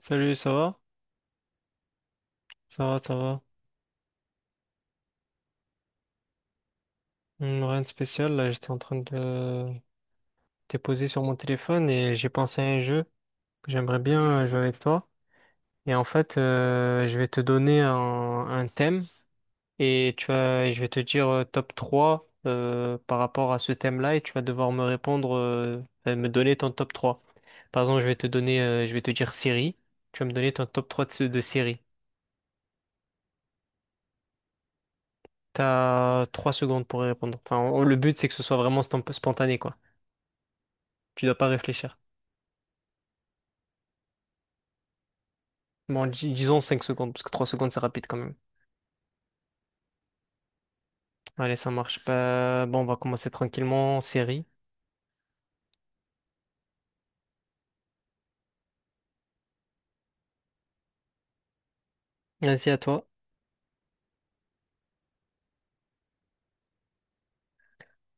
Salut, ça va? Ça va, ça va. Rien de spécial, là, j'étais en train de déposer sur mon téléphone et j'ai pensé à un jeu que j'aimerais bien jouer avec toi. Et en fait, je vais te donner un thème et tu vas, je vais te dire top 3 par rapport à ce thème-là et tu vas devoir me répondre, enfin, me donner ton top 3. Par exemple, je vais te donner, je vais te dire série, tu vas me donner ton top 3 de série. T'as 3 secondes pour y répondre. Enfin, le but, c'est que ce soit vraiment spontané, quoi. Tu dois pas réfléchir. Bon, disons 5 secondes, parce que 3 secondes, c'est rapide quand même. Allez, ça marche. Pas bon, on va commencer tranquillement. Série. Vas-y, à toi.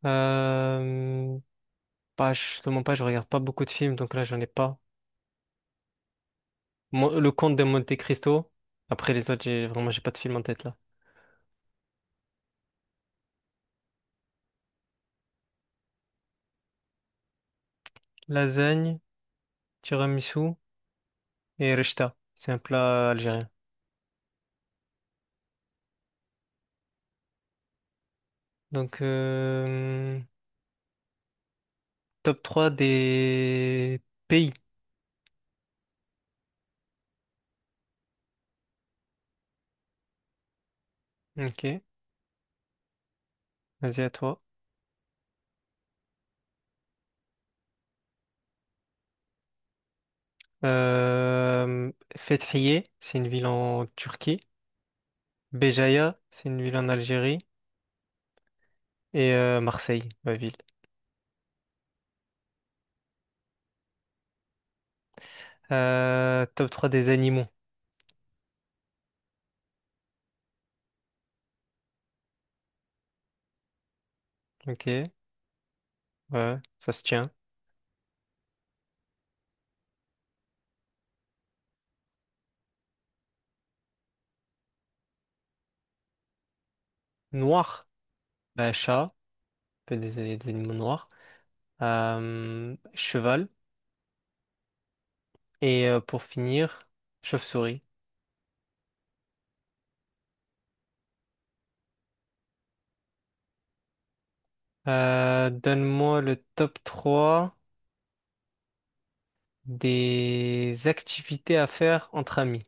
Euh... Bah, justement pas, je regarde pas beaucoup de films, donc là, j'en ai pas. Le Comte de Monte Cristo. Après les autres, j'ai vraiment, j'ai pas de film en tête là. Lasagne, tiramisu et rechta. C'est un plat algérien. Donc, top 3 des pays. Ok, vas-y, à toi. Euh, Fethiye, c'est une ville en Turquie. Béjaïa, c'est une ville en Algérie. Et Marseille, ma ville. Top 3 des animaux. Ok, ouais, ça se tient. Noir, bah, chat, un peu des animaux noirs. Cheval. Et pour finir, chauve-souris. Donne-moi le top 3 des activités à faire entre amis.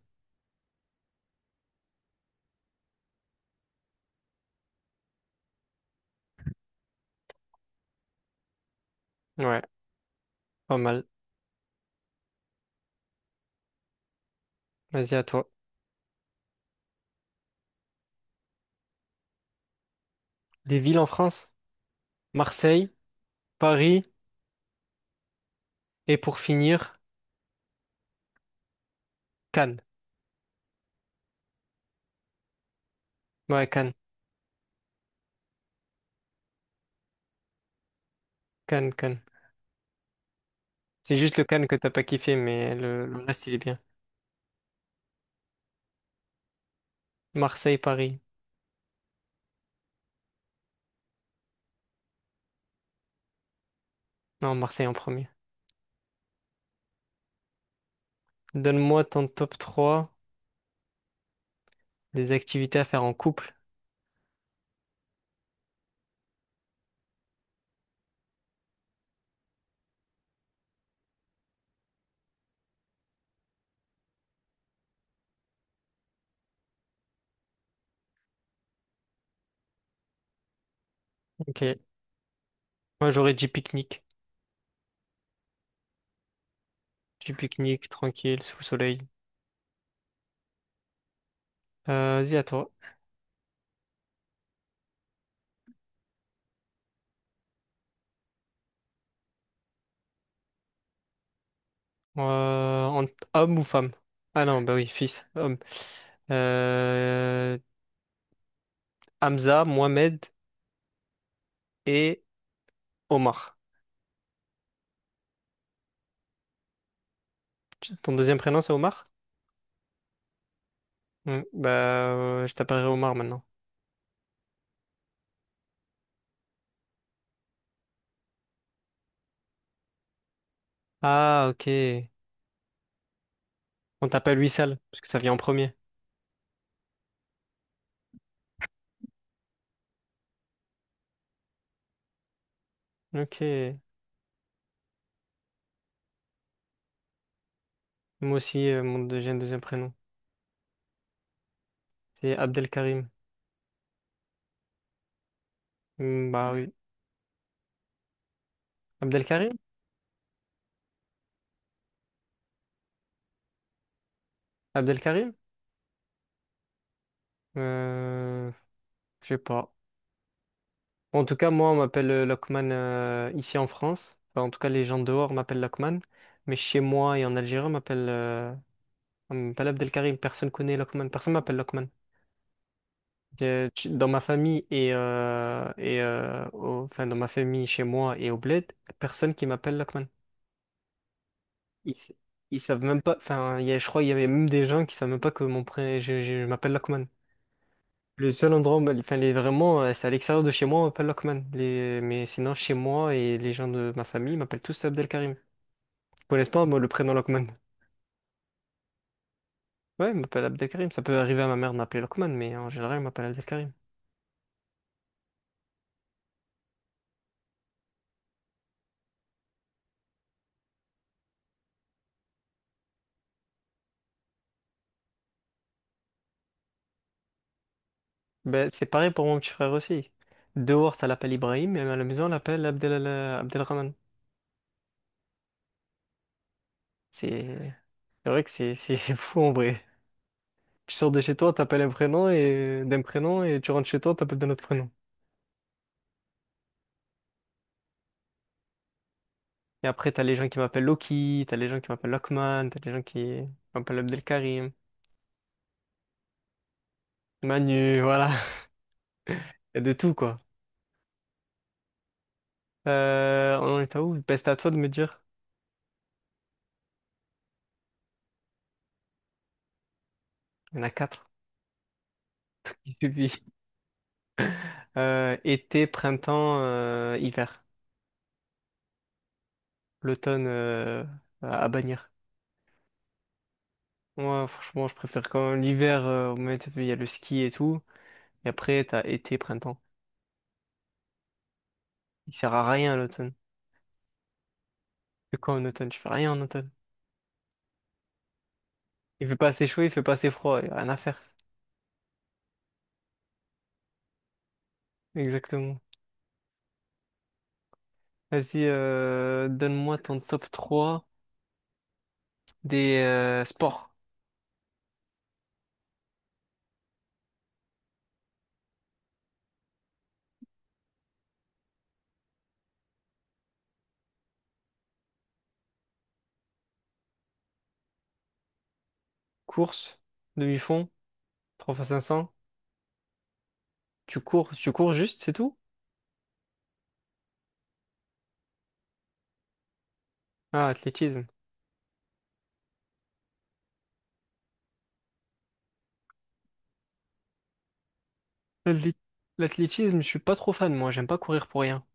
Ouais, pas mal. Vas-y à toi. Des villes en France? Marseille. Paris et pour finir, Cannes. Ouais, Cannes, Cannes, Cannes. C'est juste le Cannes que t'as pas kiffé, mais le reste, il est bien. Marseille, Paris. Non, Marseille en premier. Donne-moi ton top trois des activités à faire en couple. Ok. Moi, j'aurais dit pique-nique. Petit pique-nique, tranquille, sous le soleil. Vas-y, à toi. Euh, en- homme ou femme? Ah non, bah oui, fils, homme. Euh, Hamza, Mohamed et Omar. Ton deuxième prénom, c'est Omar? Hmm, bah, je t'appellerai Omar maintenant. Ah, ok. On t'appelle Wissal, parce que ça vient en premier. Ok. Moi aussi, mon deuxième prénom. C'est Abdelkarim. Hmm, bah oui. Abdelkarim? Abdelkarim? Euh, je sais pas. Bon, en tout cas, moi, on m'appelle Lokman ici en France. Enfin, en tout cas, les gens dehors m'appellent Lokman. Mais chez moi et en Algérie, on m'appelle Abdelkarim. Personne connaît Lokman. Personne m'appelle Lokman. Dans ma famille enfin, dans ma famille, chez moi et au bled, personne qui m'appelle Lokman. Ils, s- ils savent même pas. Enfin, je crois qu'il y avait même des gens qui savent même pas que mon je m'appelle Lokman. Le seul endroit, enfin, les, vraiment, c'est à l'extérieur de chez moi, on m'appelle Lokman. Mais sinon, chez moi et les gens de ma famille m'appellent tous Abdelkarim. Ils connaissent pas, moi, le prénom Lokman. Ouais, ils m'appellent Abdelkarim. Ça peut arriver à ma mère de m'appeler Lokman, mais en général, ils m'appellent Abdelkarim. Ben, c'est pareil pour mon petit frère aussi. Dehors, ça l'appelle Ibrahim, mais à la maison, on l'appelle Abdel, Abdelrahman. C'est c'est vrai que c'est c'est fou en vrai. Tu sors de chez toi, t'appelles un prénom et d'un prénom, et tu rentres chez toi, t'appelles d'un autre prénom. Et après, t'as les gens qui m'appellent Loki, t'as les gens qui m'appellent Lockman, t'as les gens qui m'appellent Abdelkarim, Manu, voilà. Il y a de tout, quoi. On en est à où? Ben, c'est à toi de me dire. Il y en a quatre. Il suffit. Été, printemps, hiver. L'automne, à bannir. Moi, franchement, je préfère quand même l'hiver, au moins, t'as vu, il y a le ski et tout. Et après, t'as été, printemps. Il sert à rien, l'automne. C'est quoi en automne? Tu fais rien en automne. Il fait pas assez chaud, il fait pas assez froid. Il y a rien à faire. Exactement. Vas-y, donne-moi ton top 3 des sports. Course, demi-fond, 3 x 500. Tu cours juste, c'est tout? Ah, athlétisme. L'athléti- L'athlétisme, je suis pas trop fan, moi, j'aime pas courir pour rien.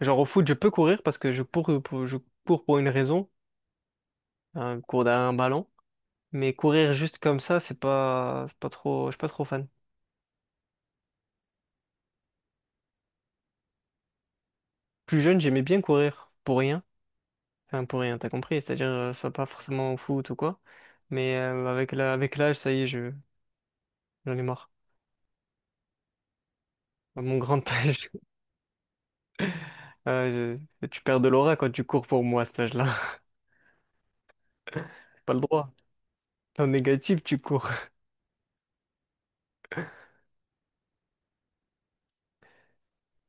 Genre au foot, je peux courir parce que je cours pour une raison, hein, je cours derrière un ballon. Mais courir juste comme ça, c'est pas trop, je suis pas trop fan. Plus jeune, j'aimais bien courir pour rien. Enfin, pour rien, t'as compris, c'est-à-dire, soit pas forcément au foot ou quoi. Mais avec la, avec l'âge, ça y est, je j'en ai marre. À mon grand âge, tu perds de l'aura quand tu cours pour moi à cet âge-là. T'as pas le droit. T'es en négatif, tu cours.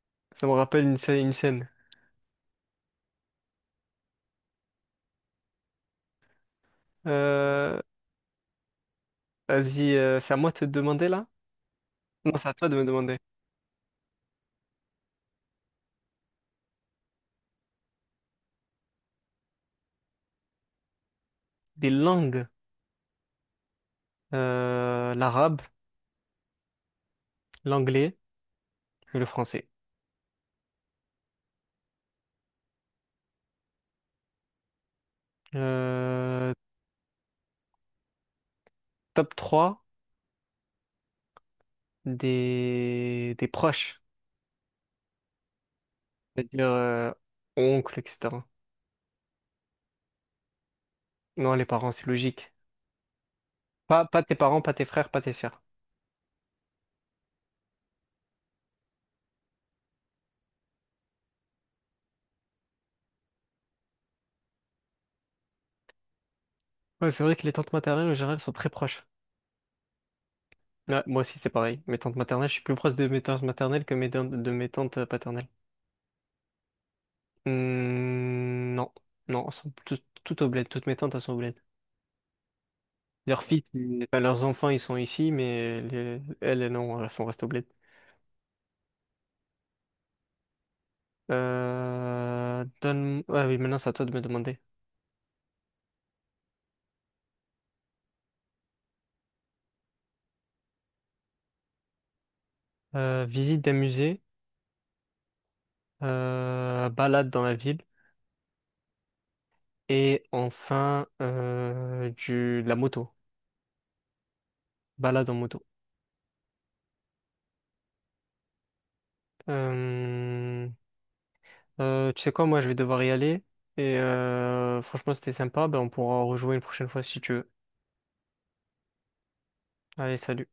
Ça me rappelle une scène. Une scène. Euh, vas-y, c'est à moi de te demander là? Non, c'est à toi de me demander. Des langues. L'arabe, l'anglais et le français. Euh, top 3 des proches. C'est-à-dire oncle, etc. Non, les parents, c'est logique. Pas, pas tes parents, pas tes frères, pas tes sœurs. Ouais, c'est vrai que les tantes maternelles, en général, sont très proches. Ouais, moi aussi, c'est pareil. Mes tantes maternelles, je suis plus proche de mes tantes maternelles que de mes tantes paternelles. Hmm, non, non, elles sont toutes, toutes au bled. Toutes mes tantes, elles sont au bled. Leurs filles, enfin, leurs enfants, ils sont ici, mais elles, elles, non, elles sont restées au bled. Ah oui, maintenant, c'est à toi de me demander. Visite d'un musée, balade dans la ville, et enfin, de la moto. Balade en moto. Euh, tu sais quoi, moi je vais devoir y aller. Et franchement, c'était sympa. Ben, on pourra rejouer une prochaine fois si tu veux. Allez, salut.